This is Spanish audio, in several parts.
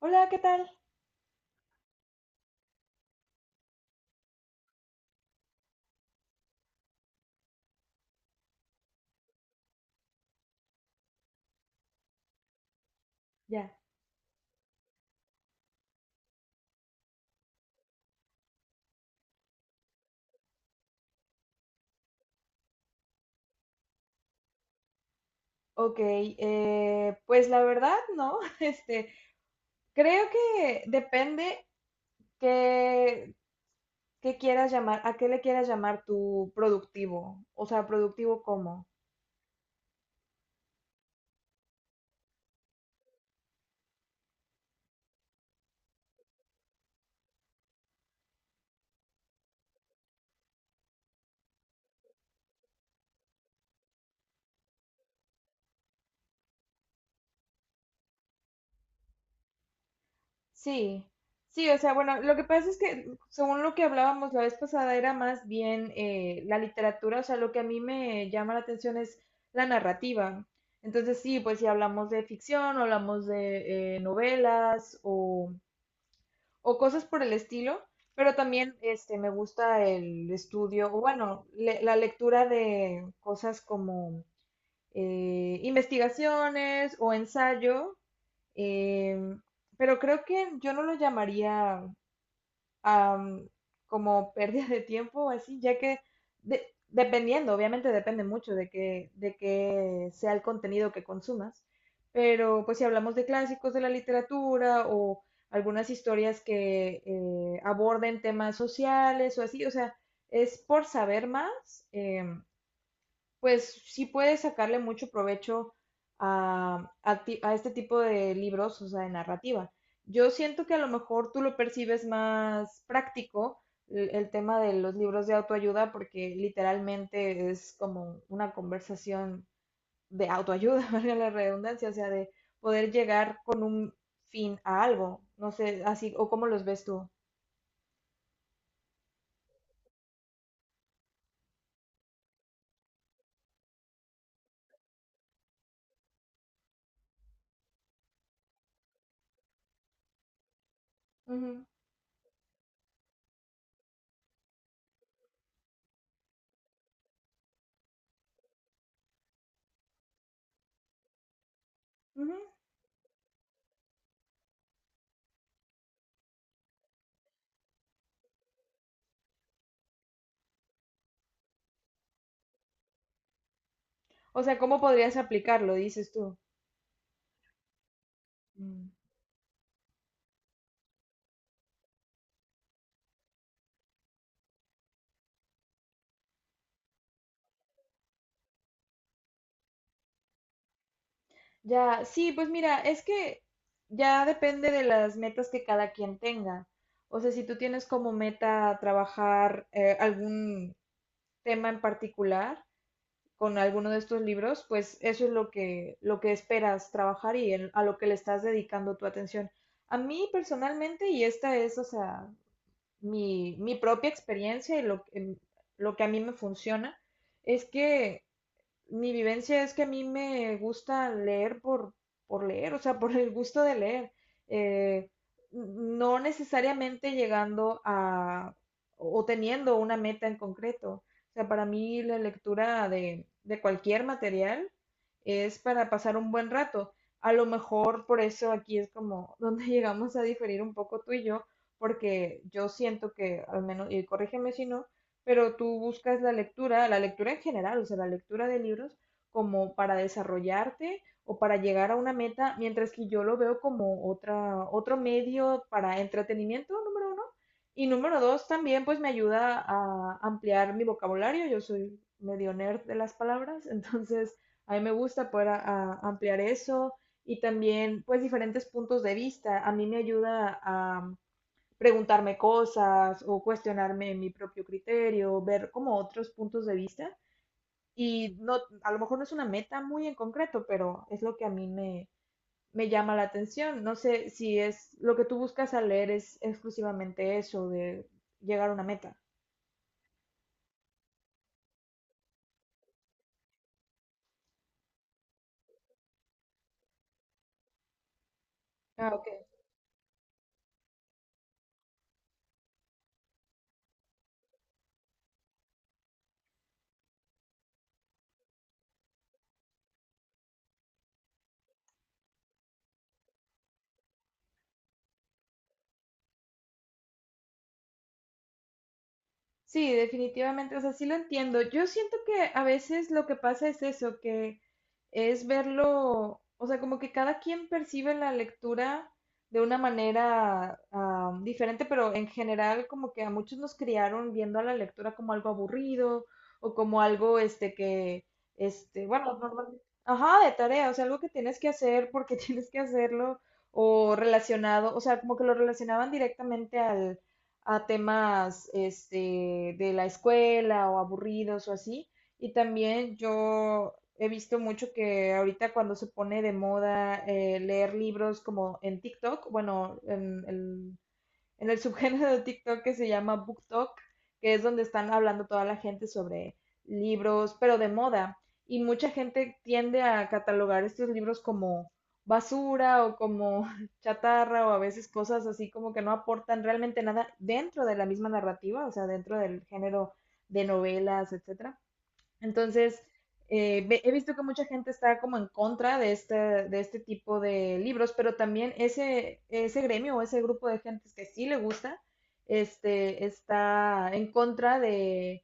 Hola, ¿qué tal? Ya. Ok, pues la verdad, ¿no? Creo que depende qué, qué quieras llamar, a qué le quieras llamar tu productivo. O sea, ¿productivo cómo? Sí, sí, o sea, bueno, lo que pasa es que según lo que hablábamos la vez pasada era más bien la literatura, o sea, lo que a mí me llama la atención es la narrativa. Entonces, sí, pues si hablamos de ficción, hablamos de novelas o cosas por el estilo, pero también me gusta el estudio, o bueno, la lectura de cosas como investigaciones o ensayo, em, pero creo que yo no lo llamaría am, como pérdida de tiempo, así, ya que de- dependiendo, obviamente depende mucho de que sea el contenido que consumas, pero pues si hablamos de clásicos de la literatura o algunas historias que aborden temas sociales o así, o sea, es por saber más. Pues sí puedes sacarle mucho provecho a este tipo de libros, o sea, de narrativa. Yo siento que a lo mejor tú lo percibes más práctico el tema de los libros de autoayuda, porque literalmente es como una conversación de autoayuda, valga la redundancia, o sea, de poder llegar con un fin a algo. No sé, así, o cómo los ves tú. Ujú, ujú. O sea, ¿cómo podrías aplicarlo, dices tú? Mm. Ya, sí, pues mira, es que ya depende de las metas que cada quien tenga. O sea, si tú tienes como meta trabajar algún tema en particular con alguno de estos libros, pues eso es lo que esperas trabajar y a lo que le estás dedicando tu atención. A mí personalmente, y esta es, o sea, mi propia experiencia y lo que a mí me funciona, es que mi vivencia es que a mí me gusta leer por leer, o sea, por el gusto de leer. Eh, no necesariamente llegando a o teniendo una meta en concreto. O sea, para mí la lectura de cualquier material es para pasar un buen rato. A lo mejor por eso aquí es como donde llegamos a diferir un poco tú y yo, porque yo siento que, al menos, y corrígeme si no, pero tú buscas la lectura en general, o sea, la lectura de libros como para desarrollarte o para llegar a una meta, mientras que yo lo veo como otra, otro medio para entretenimiento, número uno. Y número dos, también pues me ayuda a ampliar mi vocabulario. Yo soy medio nerd de las palabras, entonces a mí me gusta poder ampliar eso y también pues diferentes puntos de vista. A mí me ayuda a preguntarme cosas o cuestionarme mi propio criterio, ver como otros puntos de vista. Y no, a lo mejor no es una meta muy en concreto, pero es lo que a mí me llama la atención. No sé si es lo que tú buscas al leer es exclusivamente eso de llegar a una meta. Ah, ok. Sí, definitivamente, o sea, sí lo entiendo. Yo siento que a veces lo que pasa es eso, que es verlo, o sea, como que cada quien percibe la lectura de una manera diferente, pero en general como que a muchos nos criaron viendo a la lectura como algo aburrido o como algo, bueno, normalmente, ajá, de tarea, o sea, algo que tienes que hacer porque tienes que hacerlo o relacionado, o sea, como que lo relacionaban directamente al a temas de la escuela o aburridos o así. Y también yo he visto mucho que ahorita cuando se pone de moda leer libros como en TikTok, bueno, en el subgénero de TikTok que se llama BookTok, que es donde están hablando toda la gente sobre libros, pero de moda. Y mucha gente tiende a catalogar estos libros como basura o como chatarra o a veces cosas así como que no aportan realmente nada dentro de la misma narrativa, o sea, dentro del género de novelas, etcétera. Entonces, he visto que mucha gente está como en contra de este tipo de libros, pero también ese gremio o ese grupo de gentes que sí le gusta, está en contra de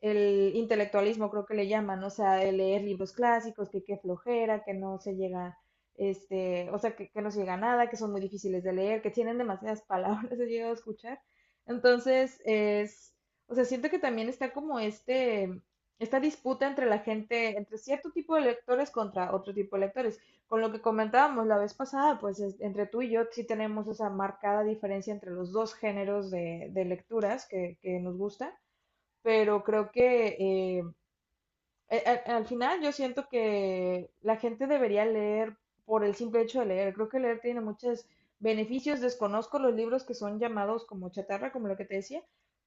el intelectualismo, creo que le llaman, o sea, de leer libros clásicos, que qué flojera, que no se llega, o sea, que no se llega a nada, que son muy difíciles de leer, que tienen demasiadas palabras, he llegado a escuchar. Entonces, es, o sea, siento que también está como esta disputa entre la gente, entre cierto tipo de lectores contra otro tipo de lectores. Con lo que comentábamos la vez pasada, pues entre tú y yo sí tenemos esa marcada diferencia entre los dos géneros de lecturas que nos gusta, pero creo que eh, al final yo siento que la gente debería leer por el simple hecho de leer. Creo que leer tiene muchos beneficios. Desconozco los libros que son llamados como chatarra, como lo que te decía.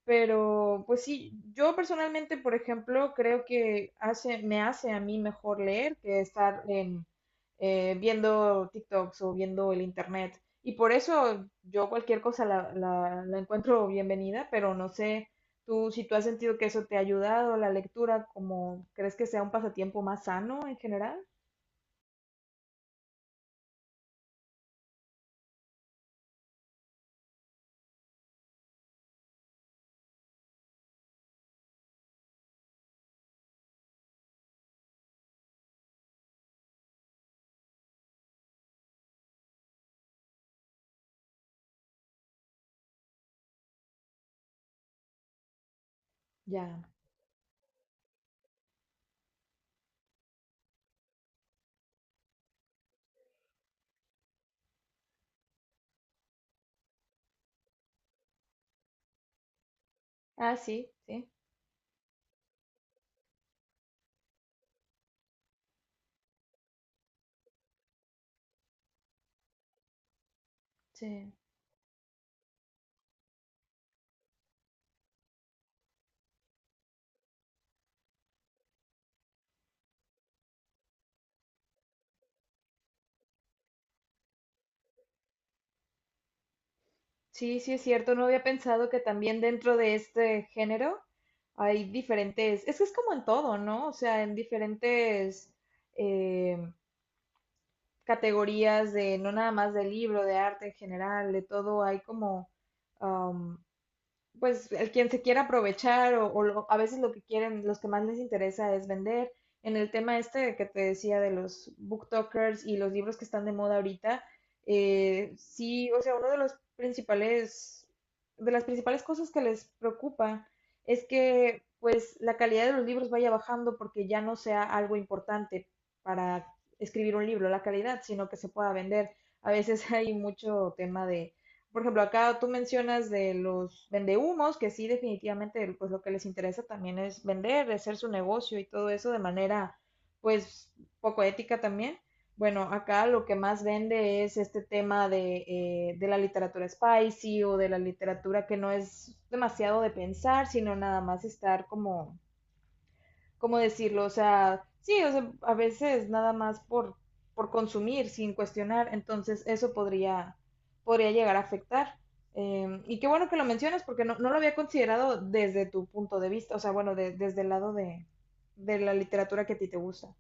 Pero pues sí, yo personalmente, por ejemplo, creo que me hace a mí mejor leer que estar viendo TikToks o viendo el internet. Y por eso yo cualquier cosa la encuentro bienvenida, pero no sé. Si tú has sentido que eso te ha ayudado, la lectura, como crees que sea un pasatiempo más sano en general? Ya. Ah, sí, sí, sí. Sí, sí es cierto. No había pensado que también dentro de este género hay diferentes. Es que es como en todo, ¿no? O sea, en diferentes eh, categorías de, no nada más de libro, de arte en general, de todo, hay como pues el quien se quiera aprovechar o a veces lo que quieren, los que más les interesa es vender. En el tema este que te decía de los booktokers y los libros que están de moda ahorita, sí, o sea, uno de los principales, de las principales cosas que les preocupa es que pues la calidad de los libros vaya bajando porque ya no sea algo importante para escribir un libro, la calidad, sino que se pueda vender. A veces hay mucho tema de por ejemplo, acá tú mencionas de los vendehumos, que sí, definitivamente, pues lo que les interesa también es vender, hacer su negocio y todo eso de manera, pues, poco ética también. Bueno, acá lo que más vende es este tema de la literatura spicy o de la literatura que no es demasiado de pensar, sino nada más estar como ¿cómo decirlo? O sea, sí, o sea, a veces nada más por consumir sin cuestionar, entonces eso podría llegar a afectar. Y qué bueno que lo mencionas porque no lo había considerado desde tu punto de vista, o sea, bueno, desde el lado de la literatura que a ti te gusta.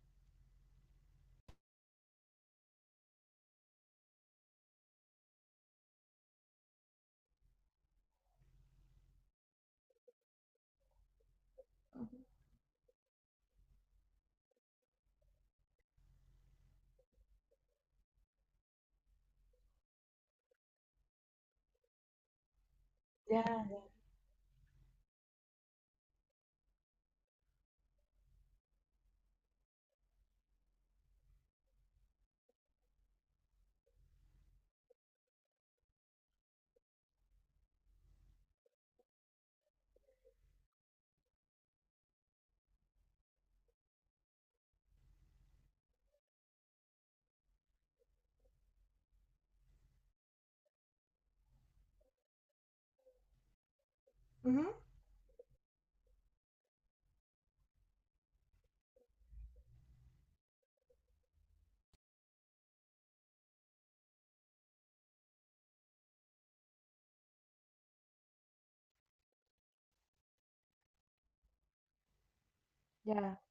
Ya, ya. Ujú, ya.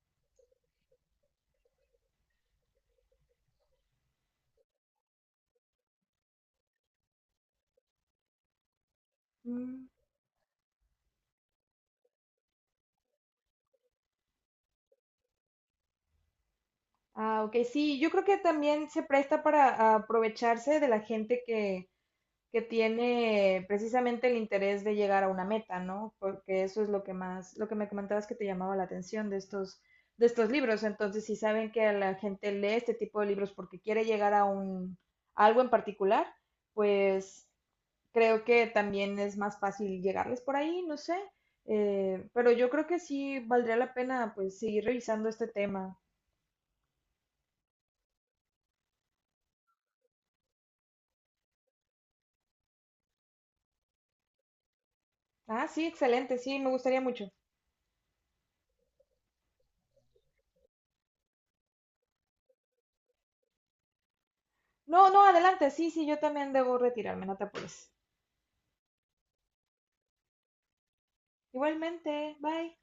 Mm. Ah, ok, sí, yo creo que también se presta para aprovecharse de la gente que tiene precisamente el interés de llegar a una meta, ¿no? Porque eso es lo que me comentabas que te llamaba la atención de estos libros. Entonces, si saben que la gente lee este tipo de libros porque quiere llegar a algo en particular, pues creo que también es más fácil llegarles por ahí, no sé. Pero yo creo que sí valdría la pena pues seguir revisando este tema. Ah, sí, excelente, sí, me gustaría mucho. No, no, adelante, sí, sí, yo también debo retirarme, no te apures. Igualmente, bye.